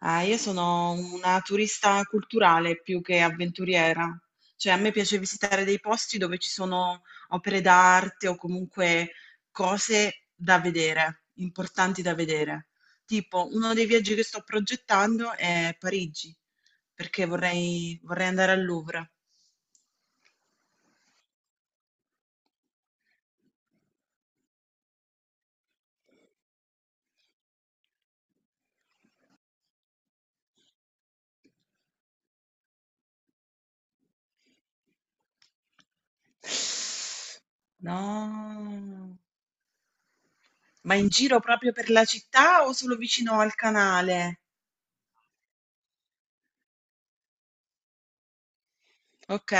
Ah, io sono una turista culturale più che avventuriera. Cioè, a me piace visitare dei posti dove ci sono opere d'arte o comunque cose da vedere, importanti da vedere. Tipo, uno dei viaggi che sto progettando è Parigi, perché vorrei andare al Louvre. No. Ma in giro proprio per la città o solo vicino al canale? Ok.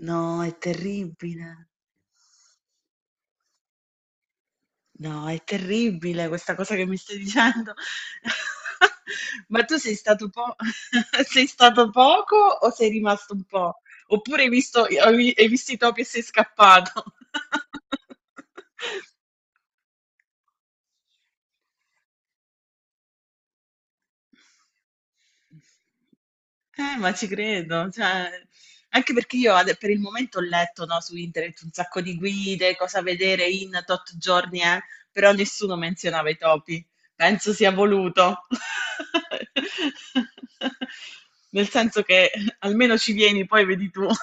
No, è terribile. No, è terribile questa cosa che mi stai dicendo. Ma tu sei stato sei stato poco o sei rimasto un po'? Oppure hai visto, hai visto i topi e sei scappato? Ma ci credo, cioè anche perché io ade per il momento ho letto, no, su internet un sacco di guide, cosa vedere in tot giorni, però nessuno menzionava i topi. Penso sia voluto. Nel senso che almeno ci vieni, poi vedi tu.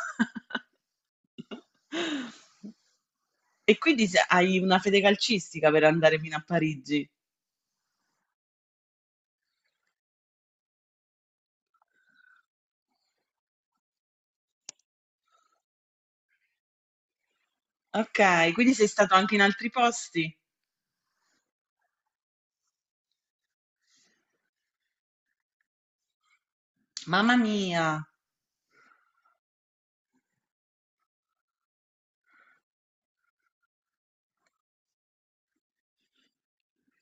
E quindi hai una fede calcistica per andare fino a Parigi. Ok, quindi sei stato anche in altri posti? Mamma mia,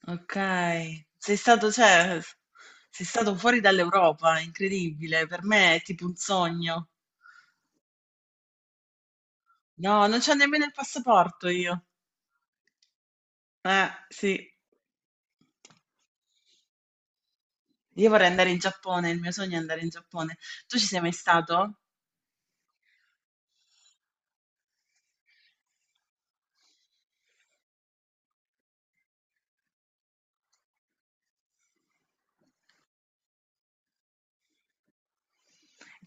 ok. Sei stato, cioè, sei stato fuori dall'Europa, incredibile. Per me è tipo un sogno. No, non c'ho nemmeno il passaporto io. Sì. Io vorrei andare in Giappone, il mio sogno è andare in Giappone. Tu ci sei mai stato?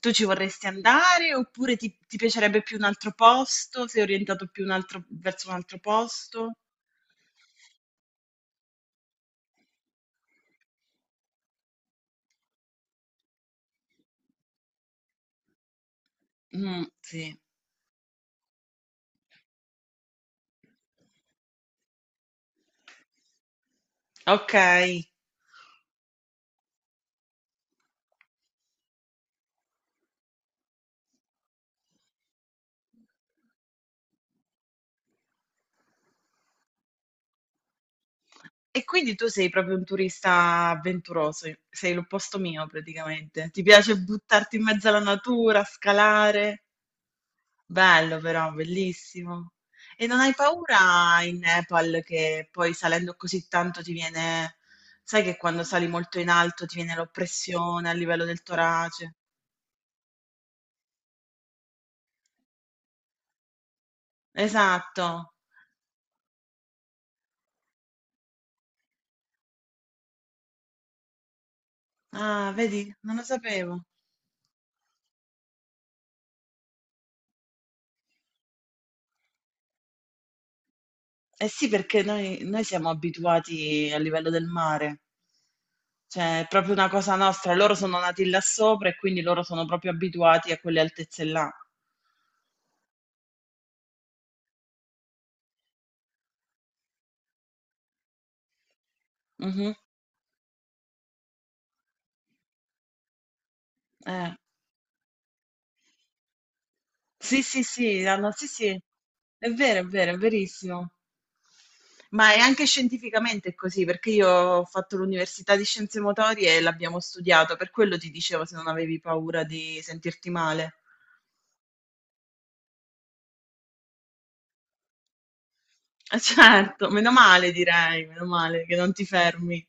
Tu ci vorresti andare oppure ti piacerebbe più un altro posto? Sei orientato più un verso un altro posto? Mm, sì. Ok. E quindi tu sei proprio un turista avventuroso, i sei l'opposto mio praticamente. Ti piace buttarti in mezzo alla natura, scalare? Bello però, bellissimo. E non hai paura in Nepal che poi salendo così tanto ti viene, sai che quando sali molto in alto ti viene l'oppressione a livello del torace? Esatto. Ah, vedi, non lo sapevo. Eh sì, perché noi siamo abituati a livello del mare. Cioè, è proprio una cosa nostra. Loro sono nati là sopra e quindi loro sono proprio abituati a quelle altezze là. Mh-mh. Eh. Sì, sì, sì, hanno sì, sì. È vero, è vero, è verissimo. Ma è anche scientificamente così, perché io ho fatto l'università di scienze motorie e l'abbiamo studiato, per quello ti dicevo se non avevi paura di sentirti male. Eh certo, meno male direi, meno male che non ti fermi.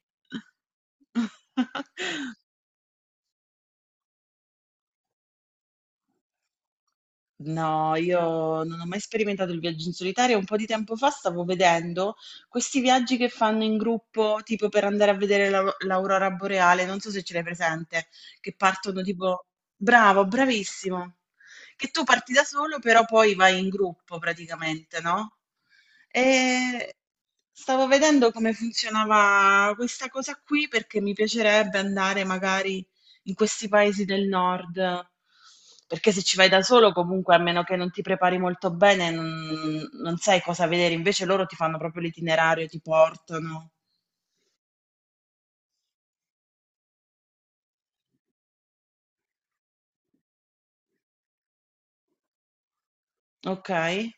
No, io non ho mai sperimentato il viaggio in solitario. Un po' di tempo fa stavo vedendo questi viaggi che fanno in gruppo, tipo per andare a vedere l'aurora boreale, non so se ce l'hai presente, che partono tipo... Bravo, bravissimo. Che tu parti da solo, però poi vai in gruppo praticamente, no? E stavo vedendo come funzionava questa cosa qui perché mi piacerebbe andare magari in questi paesi del nord. Perché se ci vai da solo, comunque, a meno che non ti prepari molto bene, non sai cosa vedere. Invece loro ti fanno proprio l'itinerario, ti portano. Ok? Eh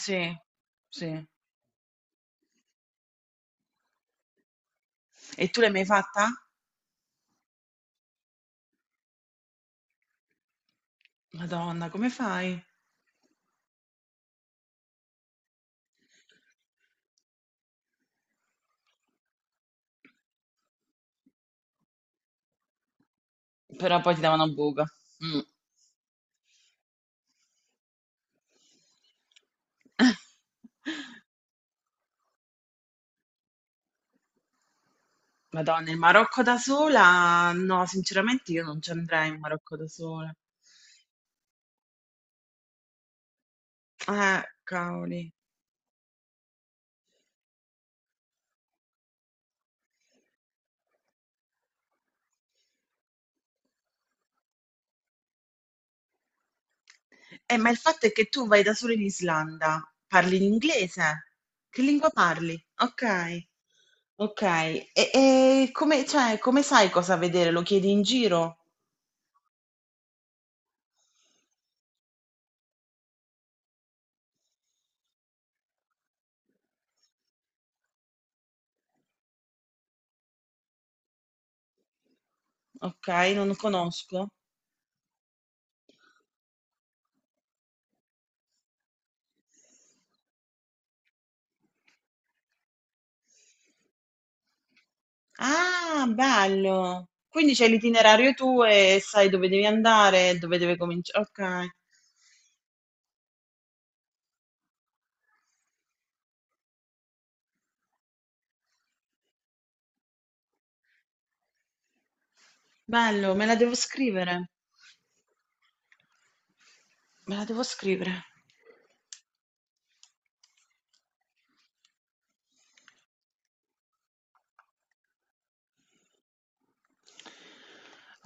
sì, sì. E tu l'hai mai fatta? Madonna, come fai? Però poi ti davano buca. Mm. Madonna, il Marocco da sola? No, sinceramente io non ci andrei in Marocco da sola. Cavoli. Ma il fatto è che tu vai da solo in Islanda, parli in inglese? Che lingua parli? Ok, ok. E come, cioè, come sai cosa vedere? Lo chiedi in giro? Ok, non lo conosco. Ah, bello. Quindi c'è l'itinerario tuo e sai dove devi andare, dove deve cominciare. Ok, bello, me la devo scrivere. Me la devo scrivere.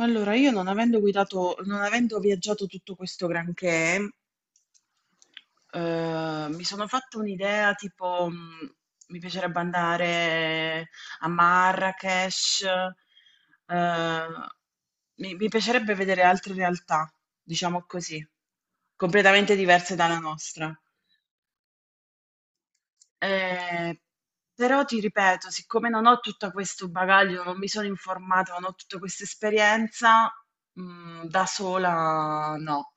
Allora, io non avendo guidato, non avendo viaggiato tutto questo granché, mi sono fatta un'idea, tipo, mi piacerebbe andare a Marrakech, ehm, mi piacerebbe vedere altre realtà, diciamo così, completamente diverse dalla nostra. Ehm, Però ti ripeto, siccome non ho tutto questo bagaglio, non mi sono informata, non ho tutta questa esperienza, da sola no.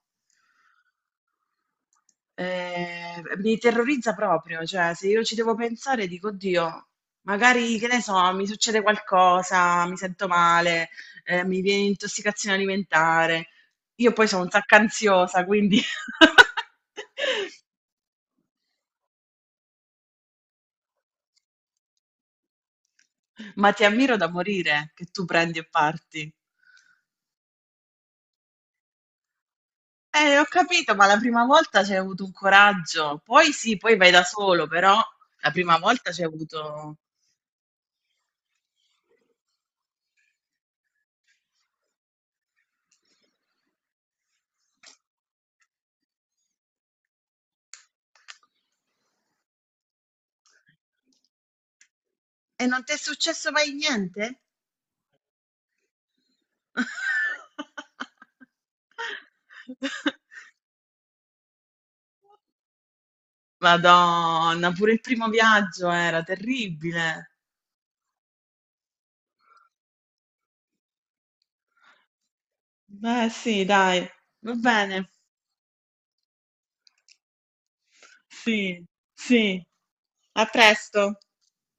Mi terrorizza proprio, cioè se io ci devo pensare dico, oddio, magari che ne so, mi succede qualcosa, mi sento male, mi viene intossicazione alimentare. Io poi sono un sacco ansiosa, quindi... Ma ti ammiro da morire che tu prendi e parti. Ho capito, ma la prima volta c'hai avuto un coraggio. Poi sì, poi vai da solo, però la prima volta c'hai avuto... E non ti è successo mai niente? Madonna, pure il primo viaggio era terribile. Beh, sì, dai, va bene. Sì, sì. A presto.